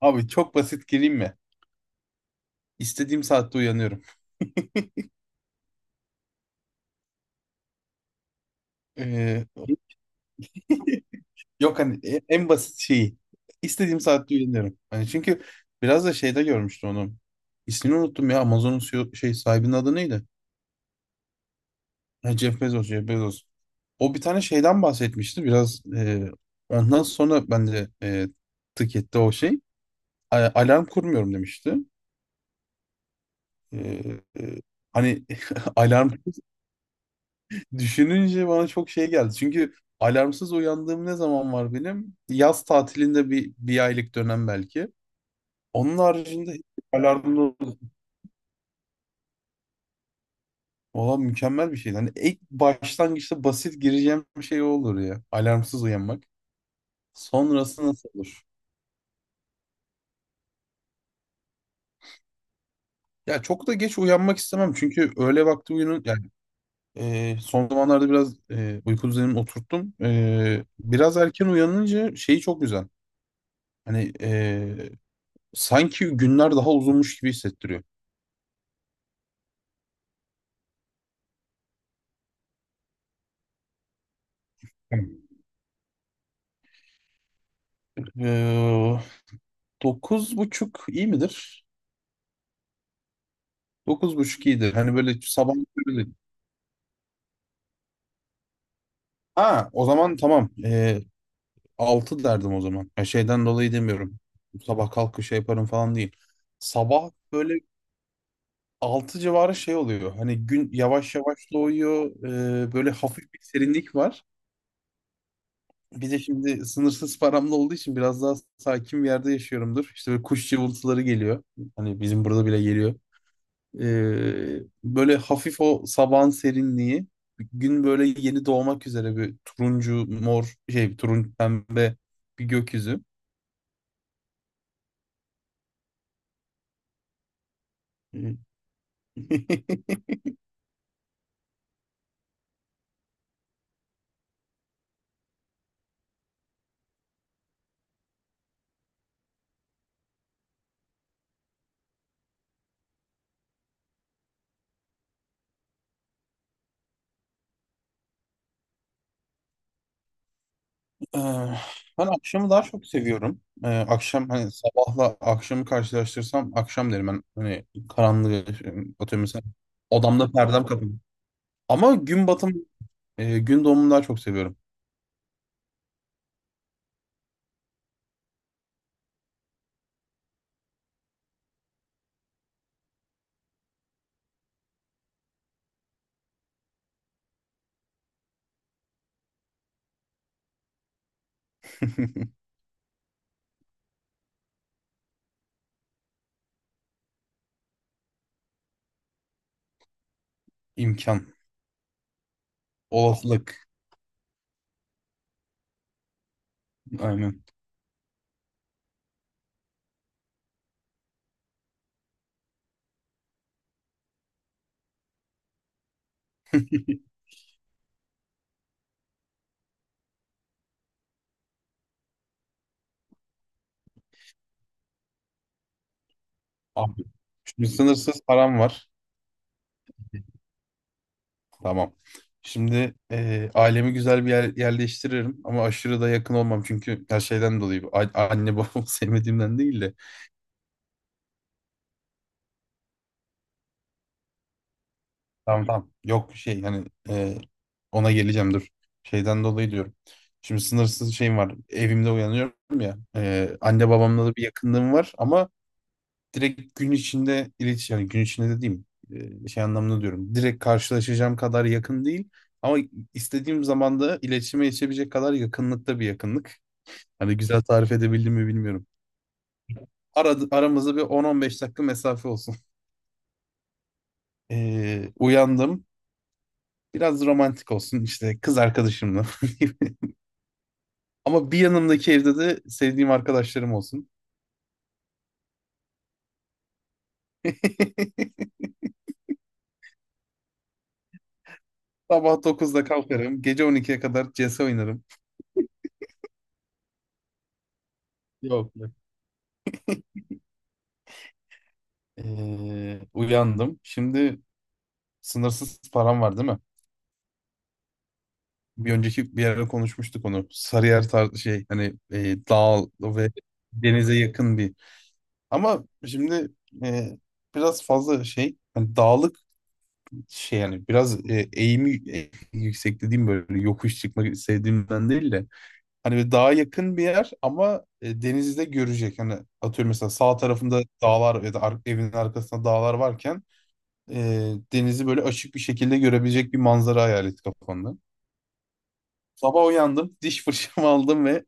Abi çok basit gireyim mi? İstediğim saatte uyanıyorum. Ee, yok hani en basit şeyi. İstediğim saatte uyanıyorum. Hani çünkü biraz da şeyde görmüştüm onu. İsmini unuttum ya. Amazon'un CEO şey sahibinin adı neydi? Ha, Jeff Bezos, Jeff Bezos. O bir tane şeyden bahsetmişti. Biraz ondan sonra ben de tık etti o şey. Alarm kurmuyorum demişti. E, e, hani alarm düşününce bana çok şey geldi. Çünkü alarmsız uyandığım ne zaman var benim? Yaz tatilinde bir aylık dönem belki. Onun haricinde hiç alarmlı olan mükemmel bir şey. Hani ilk başlangıçta basit gireceğim bir şey olur ya. Alarmsız uyanmak. Sonrası nasıl olur? Ya çok da geç uyanmak istemem. Çünkü öğle vakti uyunun, yani son zamanlarda biraz uyku düzenimi oturttum. Biraz erken uyanınca şeyi çok güzel. Hani sanki günler daha uzunmuş gibi hissettiriyor. Tamam. Ee, dokuz buçuk iyi midir? 9.30 iyidir. Hani böyle sabah böyle. Ha, o zaman tamam. Altı derdim o zaman. Ya şeyden dolayı demiyorum. Sabah kalkıp şey yaparım falan değil. Sabah böyle 6 civarı şey oluyor. Hani gün yavaş yavaş doğuyor. Böyle hafif bir serinlik var. Bir de şimdi sınırsız paramda olduğu için biraz daha sakin bir yerde yaşıyorumdur. İşte böyle kuş cıvıltıları geliyor. Hani bizim burada bile geliyor. Böyle hafif o sabahın serinliği, gün böyle yeni doğmak üzere, bir turuncu mor şey, turuncu pembe bir gökyüzü. Ee, Ee, ben akşamı daha çok seviyorum. Akşam hani, sabahla akşamı karşılaştırsam akşam derim ben. Hani karanlığı atıyorum mesela, odamda perdem kapalı. Ama gün batım, gün doğumunu daha çok seviyorum. İmkan, olasılık aynen. Abi, şimdi sınırsız param var. Tamam. Şimdi ailemi güzel bir yerleştiririm, ama aşırı da yakın olmam, çünkü her şeyden dolayı anne babamı sevmediğimden değil de, tamam tamam, yok şey hani, ona geleceğim, dur, şeyden dolayı diyorum. Şimdi sınırsız şeyim var, evimde uyanıyorum ya. Anne babamla da bir yakınlığım var, ama direkt gün içinde iletişim, yani gün içinde dediğim, şey anlamında diyorum, direkt karşılaşacağım kadar yakın değil, ama istediğim zamanda iletişime geçebilecek kadar yakınlıkta bir yakınlık. Hani güzel tarif edebildim mi bilmiyorum. Aramızda bir 10-15 dakika mesafe olsun. Uyandım. Biraz romantik olsun işte, kız arkadaşımla. Ama bir yanımdaki evde de sevdiğim arkadaşlarım olsun. Sabah 9'da kalkarım. Gece 12'ye kadar CS oynarım. Yok, yok. Uyandım. Şimdi sınırsız param var, değil mi? Bir önceki bir yerde konuşmuştuk onu. Sarıyer şey, hani dağ ve denize yakın bir. Ama şimdi e, biraz fazla şey, hani dağlık şey, yani biraz eğimi yüksek dediğim, böyle yokuş çıkmak sevdiğimden değil de, hani böyle dağa yakın bir yer, ama denizi de görecek. Hani atıyorum, mesela sağ tarafında dağlar, ya da evin arkasında dağlar varken denizi böyle açık bir şekilde görebilecek bir manzara hayal et kafanda. Sabah uyandım, diş fırçamı aldım ve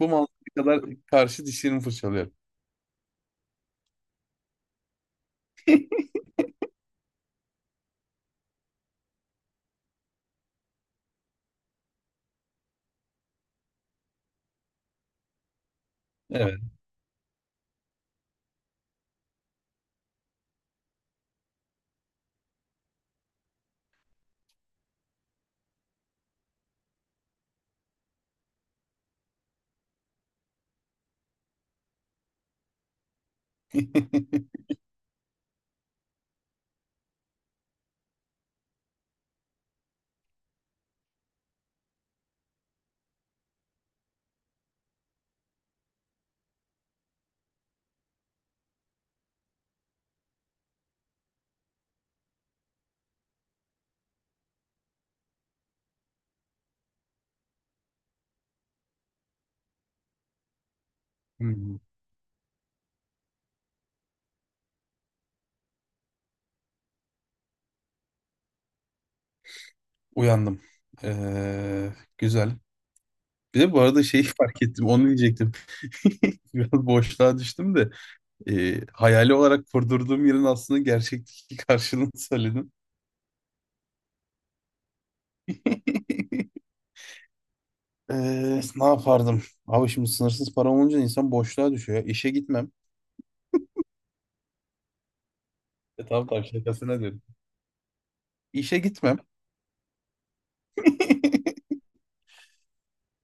bu manzara kadar karşı dişlerimi fırçalıyorum. Evet. Uyandım. Ee, güzel. Bir de bu arada şeyi fark ettim. Onu diyecektim. Biraz boşluğa düştüm de, hayali olarak kurdurduğum yerin aslında gerçekteki karşılığını söyledim. Ne yapardım? Abi şimdi sınırsız param olunca insan boşluğa düşüyor ya. İşe gitmem. Tamam tamam, şakasına diyorum. İşe gitmem.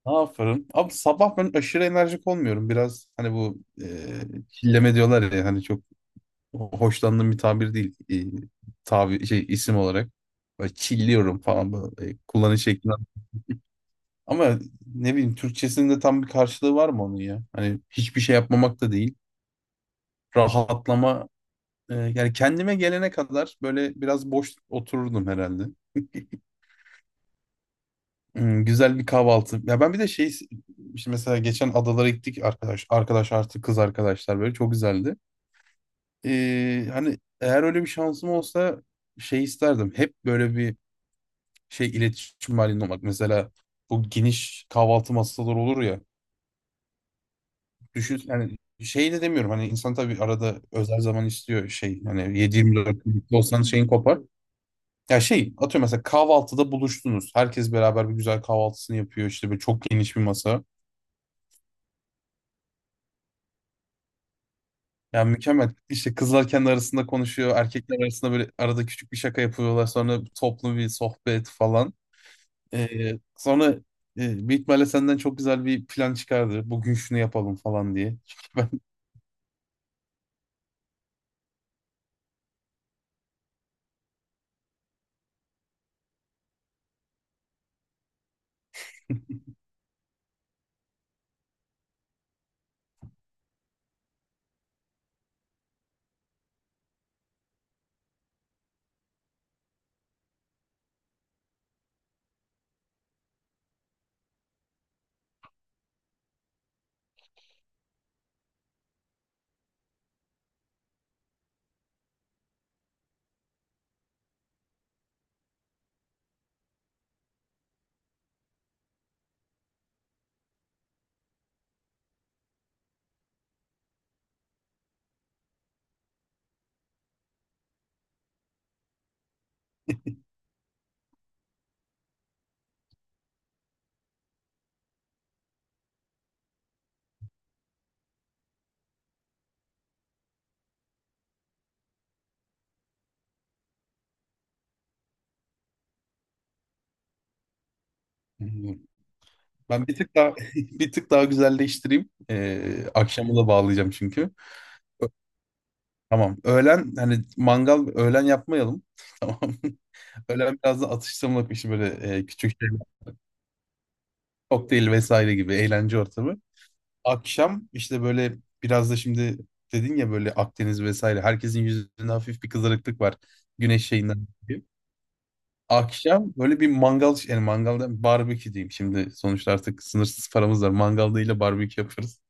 Ne yaparım? Abi sabah ben aşırı enerjik olmuyorum. Biraz hani bu çilleme diyorlar ya, hani çok hoşlandığım bir tabir değil. Tabi şey, isim olarak. Böyle çilliyorum falan, böyle kullanış şeklinden. Ama ne bileyim, Türkçesinde tam bir karşılığı var mı onun ya? Hani hiçbir şey yapmamak da değil. Rahatlama, yani kendime gelene kadar böyle biraz boş otururdum herhalde. Güzel bir kahvaltı. Ya ben bir de şey, işte mesela geçen adalara gittik, arkadaş arkadaş artı kız arkadaşlar, böyle çok güzeldi. Hani eğer öyle bir şansım olsa şey isterdim. Hep böyle bir şey, iletişim halinde olmak. Mesela bu geniş kahvaltı masaları olur ya. Düşün, yani şey de demiyorum, hani insan tabii arada özel zaman istiyor, şey hani 7/24 birlikte olsanız şeyin kopar. Ya şey, atıyorum mesela, kahvaltıda buluştunuz. Herkes beraber bir güzel kahvaltısını yapıyor, işte böyle çok geniş bir masa. Yani mükemmel. İşte kızlar kendi arasında konuşuyor. Erkekler arasında böyle arada küçük bir şaka yapıyorlar. Sonra toplu bir sohbet falan. Sonra büyük ihtimalle senden çok güzel bir plan çıkardı. Bugün şunu yapalım falan diye. Çünkü ben bilmiyorum. Ben bir tık daha, bir tık daha güzelleştireyim. Akşamı da bağlayacağım çünkü. Tamam. Öğlen hani mangal, öğlen yapmayalım. Tamam. Öğlen biraz da atıştırmalık bir şey, böyle küçük şeyler. Kokteyl vesaire gibi eğlence ortamı. Akşam işte böyle, biraz da şimdi dedin ya, böyle Akdeniz vesaire. Herkesin yüzünde hafif bir kızarıklık var. Güneş şeyinden dolayı. Akşam böyle bir mangal, yani mangalda barbekü diyeyim şimdi. Sonuçta artık sınırsız paramız var. Mangal değil de barbekü yaparız.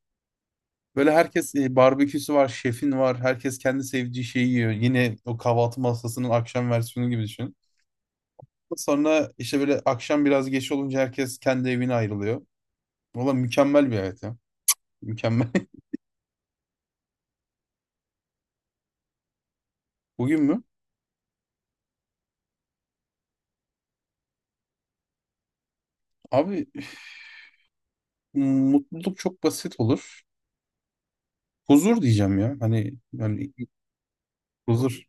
Böyle herkes barbeküsü var, şefin var. Herkes kendi sevdiği şeyi yiyor. Yine o kahvaltı masasının akşam versiyonu gibi düşün. Sonra işte böyle akşam biraz geç olunca herkes kendi evine ayrılıyor. Valla mükemmel bir hayat ya. Mükemmel. Bugün mü? Abi, mutluluk çok basit olur. Huzur diyeceğim ya. Hani yani huzur.